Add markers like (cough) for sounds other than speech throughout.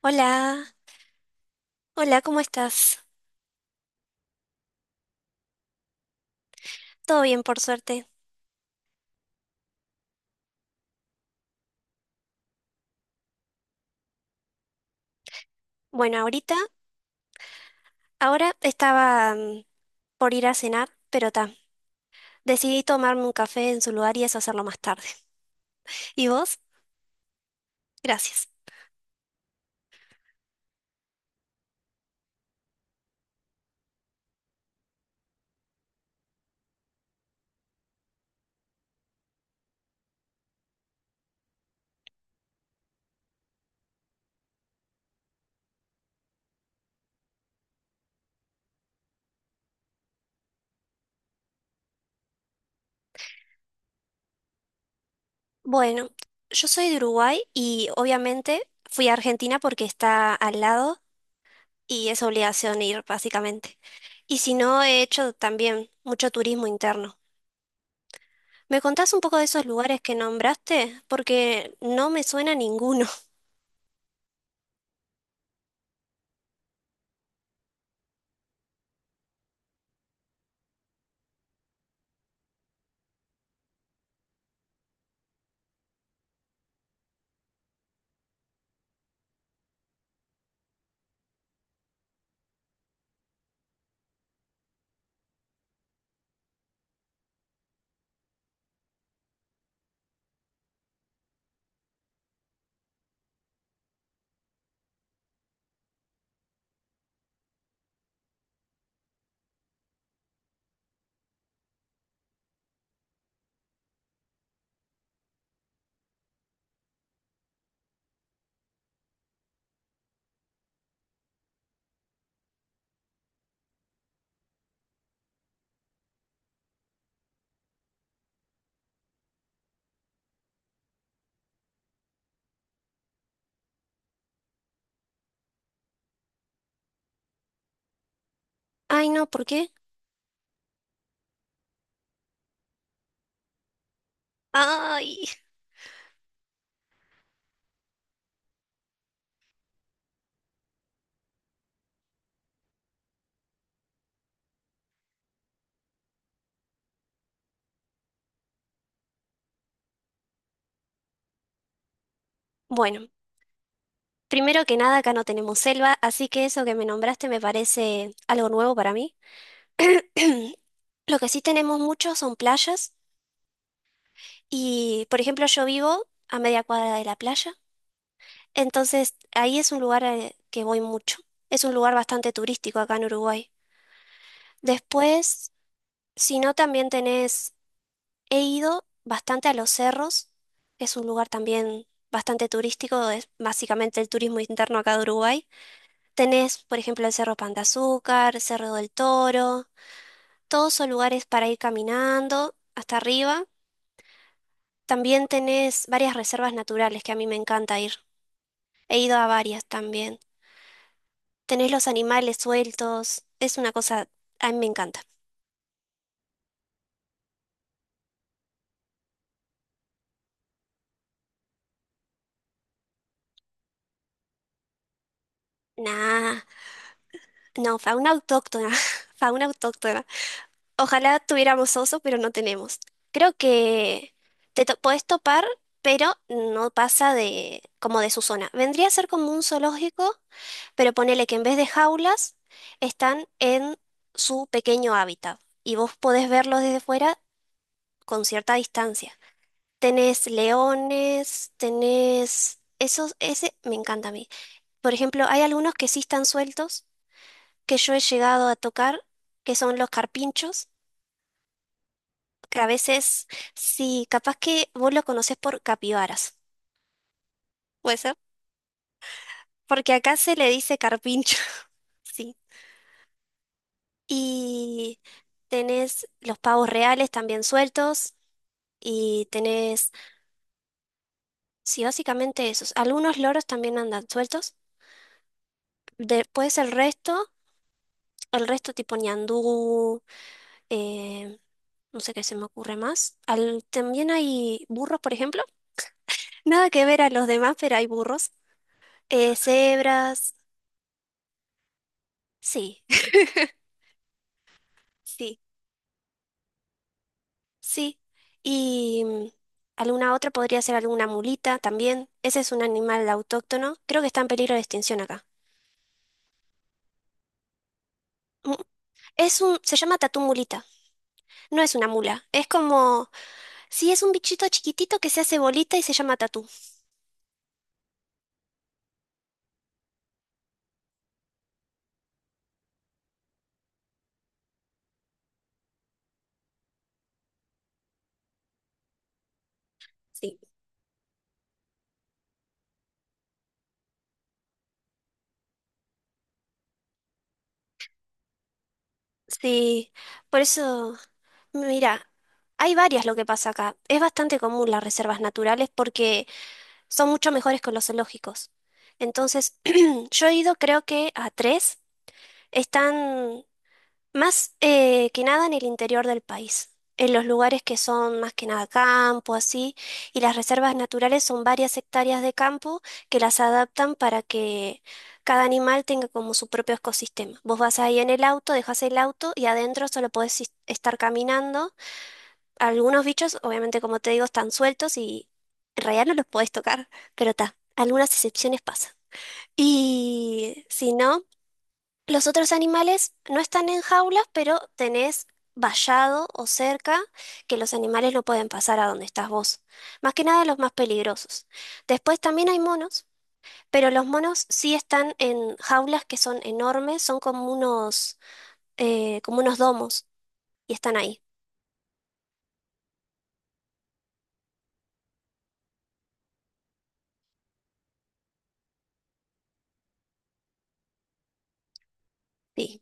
Hola, hola, ¿cómo estás? Todo bien, por suerte. Bueno, ahora estaba por ir a cenar, pero ta, decidí tomarme un café en su lugar y eso hacerlo más tarde. (laughs) ¿Y vos? Gracias. Bueno, yo soy de Uruguay y obviamente fui a Argentina porque está al lado y es obligación ir, básicamente. Y si no, he hecho también mucho turismo interno. ¿Me contás un poco de esos lugares que nombraste? Porque no me suena ninguno. (laughs) Ay, no, ¿por qué? Ay. Bueno, primero que nada, acá no tenemos selva, así que eso que me nombraste me parece algo nuevo para mí. (clears throat) Lo que sí tenemos mucho son playas y, por ejemplo, yo vivo a media cuadra de la playa, entonces ahí es un lugar al que voy mucho. Es un lugar bastante turístico acá en Uruguay. Después, si no, también tenés, he ido bastante a los cerros, que es un lugar también bastante turístico, es básicamente el turismo interno acá de Uruguay. Tenés, por ejemplo, el Cerro Pan de Azúcar, Cerro del Toro, todos son lugares para ir caminando hasta arriba. También tenés varias reservas naturales que a mí me encanta ir. He ido a varias también. Tenés los animales sueltos, es una cosa, a mí me encanta. Nah, no, fauna autóctona, (laughs) fauna autóctona. Ojalá tuviéramos oso, pero no tenemos. Creo que te podés topar, pero no pasa de como de su zona. Vendría a ser como un zoológico pero ponele que en vez de jaulas están en su pequeño hábitat y vos podés verlos desde fuera con cierta distancia. Tenés leones, tenés... Esos, ese me encanta a mí. Por ejemplo, hay algunos que sí están sueltos, que yo he llegado a tocar, que son los carpinchos, que a veces, sí, capaz que vos lo conocés por capibaras. ¿Puede ser? Porque acá se le dice carpincho, (laughs) sí. Y tenés los pavos reales también sueltos, y tenés, sí, básicamente esos. Algunos loros también andan sueltos. Después el resto tipo ñandú, eh, no sé qué se me ocurre más. También hay burros, por ejemplo. Nada que ver a los demás, pero hay burros. Cebras, sí, (laughs) sí, sí. Y alguna otra podría ser alguna mulita también. Ese es un animal autóctono. Creo que está en peligro de extinción acá. Mm, Es un, se llama tatú mulita. No es una mula. Es como sí, es un bichito chiquitito que se hace bolita y se llama tatú. Sí. Sí, por eso, mira, hay varias lo que pasa acá. Es bastante común las reservas naturales porque son mucho mejores que los zoológicos. Entonces, (clears throat) yo he ido creo que a tres. Están Más que nada en el interior del país, en los lugares que son más que nada campo, así, y las reservas naturales son varias hectáreas de campo que las adaptan para que cada animal tenga como su propio ecosistema. Vos vas ahí en el auto, dejas el auto y adentro solo podés estar caminando. Algunos bichos, obviamente, como te digo, están sueltos y en realidad no los podés tocar, pero ta, algunas excepciones pasan. Y si no... Los otros animales no están en jaulas, pero tenés vallado o cerca que los animales no pueden pasar a donde estás vos. Más que nada los más peligrosos. Después también hay monos, pero los monos sí están en jaulas que son enormes, son como unos domos y están ahí. Sí,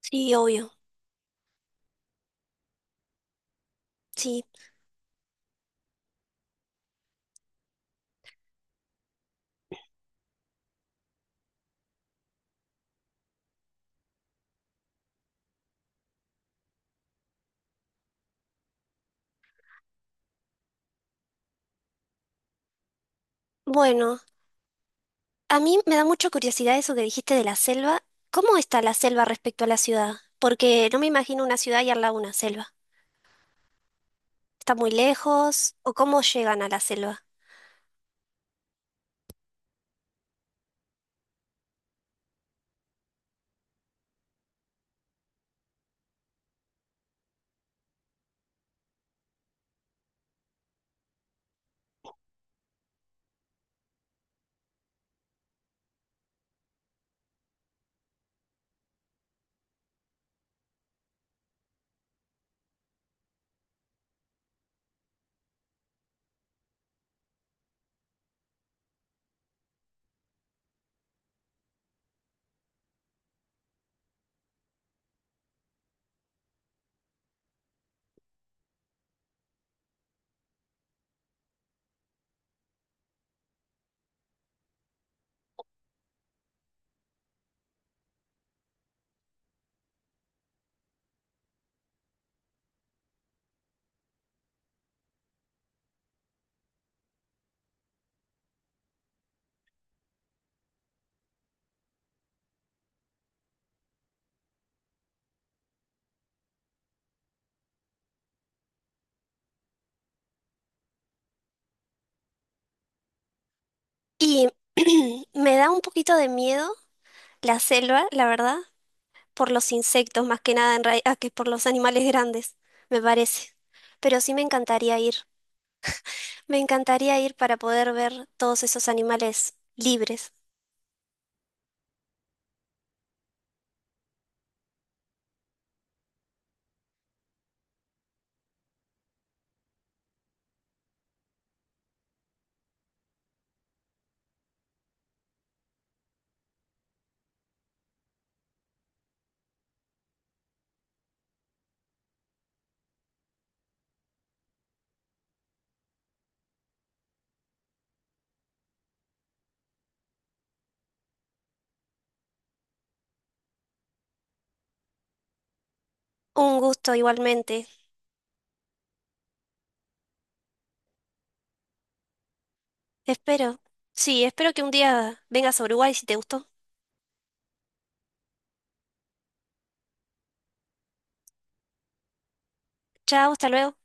sí, obvio. Sí. Bueno, a mí me da mucha curiosidad eso que dijiste de la selva. ¿Cómo está la selva respecto a la ciudad? Porque no me imagino una ciudad y al lado una selva. ¿Está muy lejos? ¿O cómo llegan a la selva? Y (clears throat) me da un poquito de miedo la selva, la verdad, por los insectos más que nada que por los animales grandes, me parece. Pero sí me encantaría ir. Me encantaría ir para poder ver todos esos animales libres. Un gusto igualmente. Espero. Sí, espero que un día vengas a Uruguay si te gustó. Chao, hasta luego.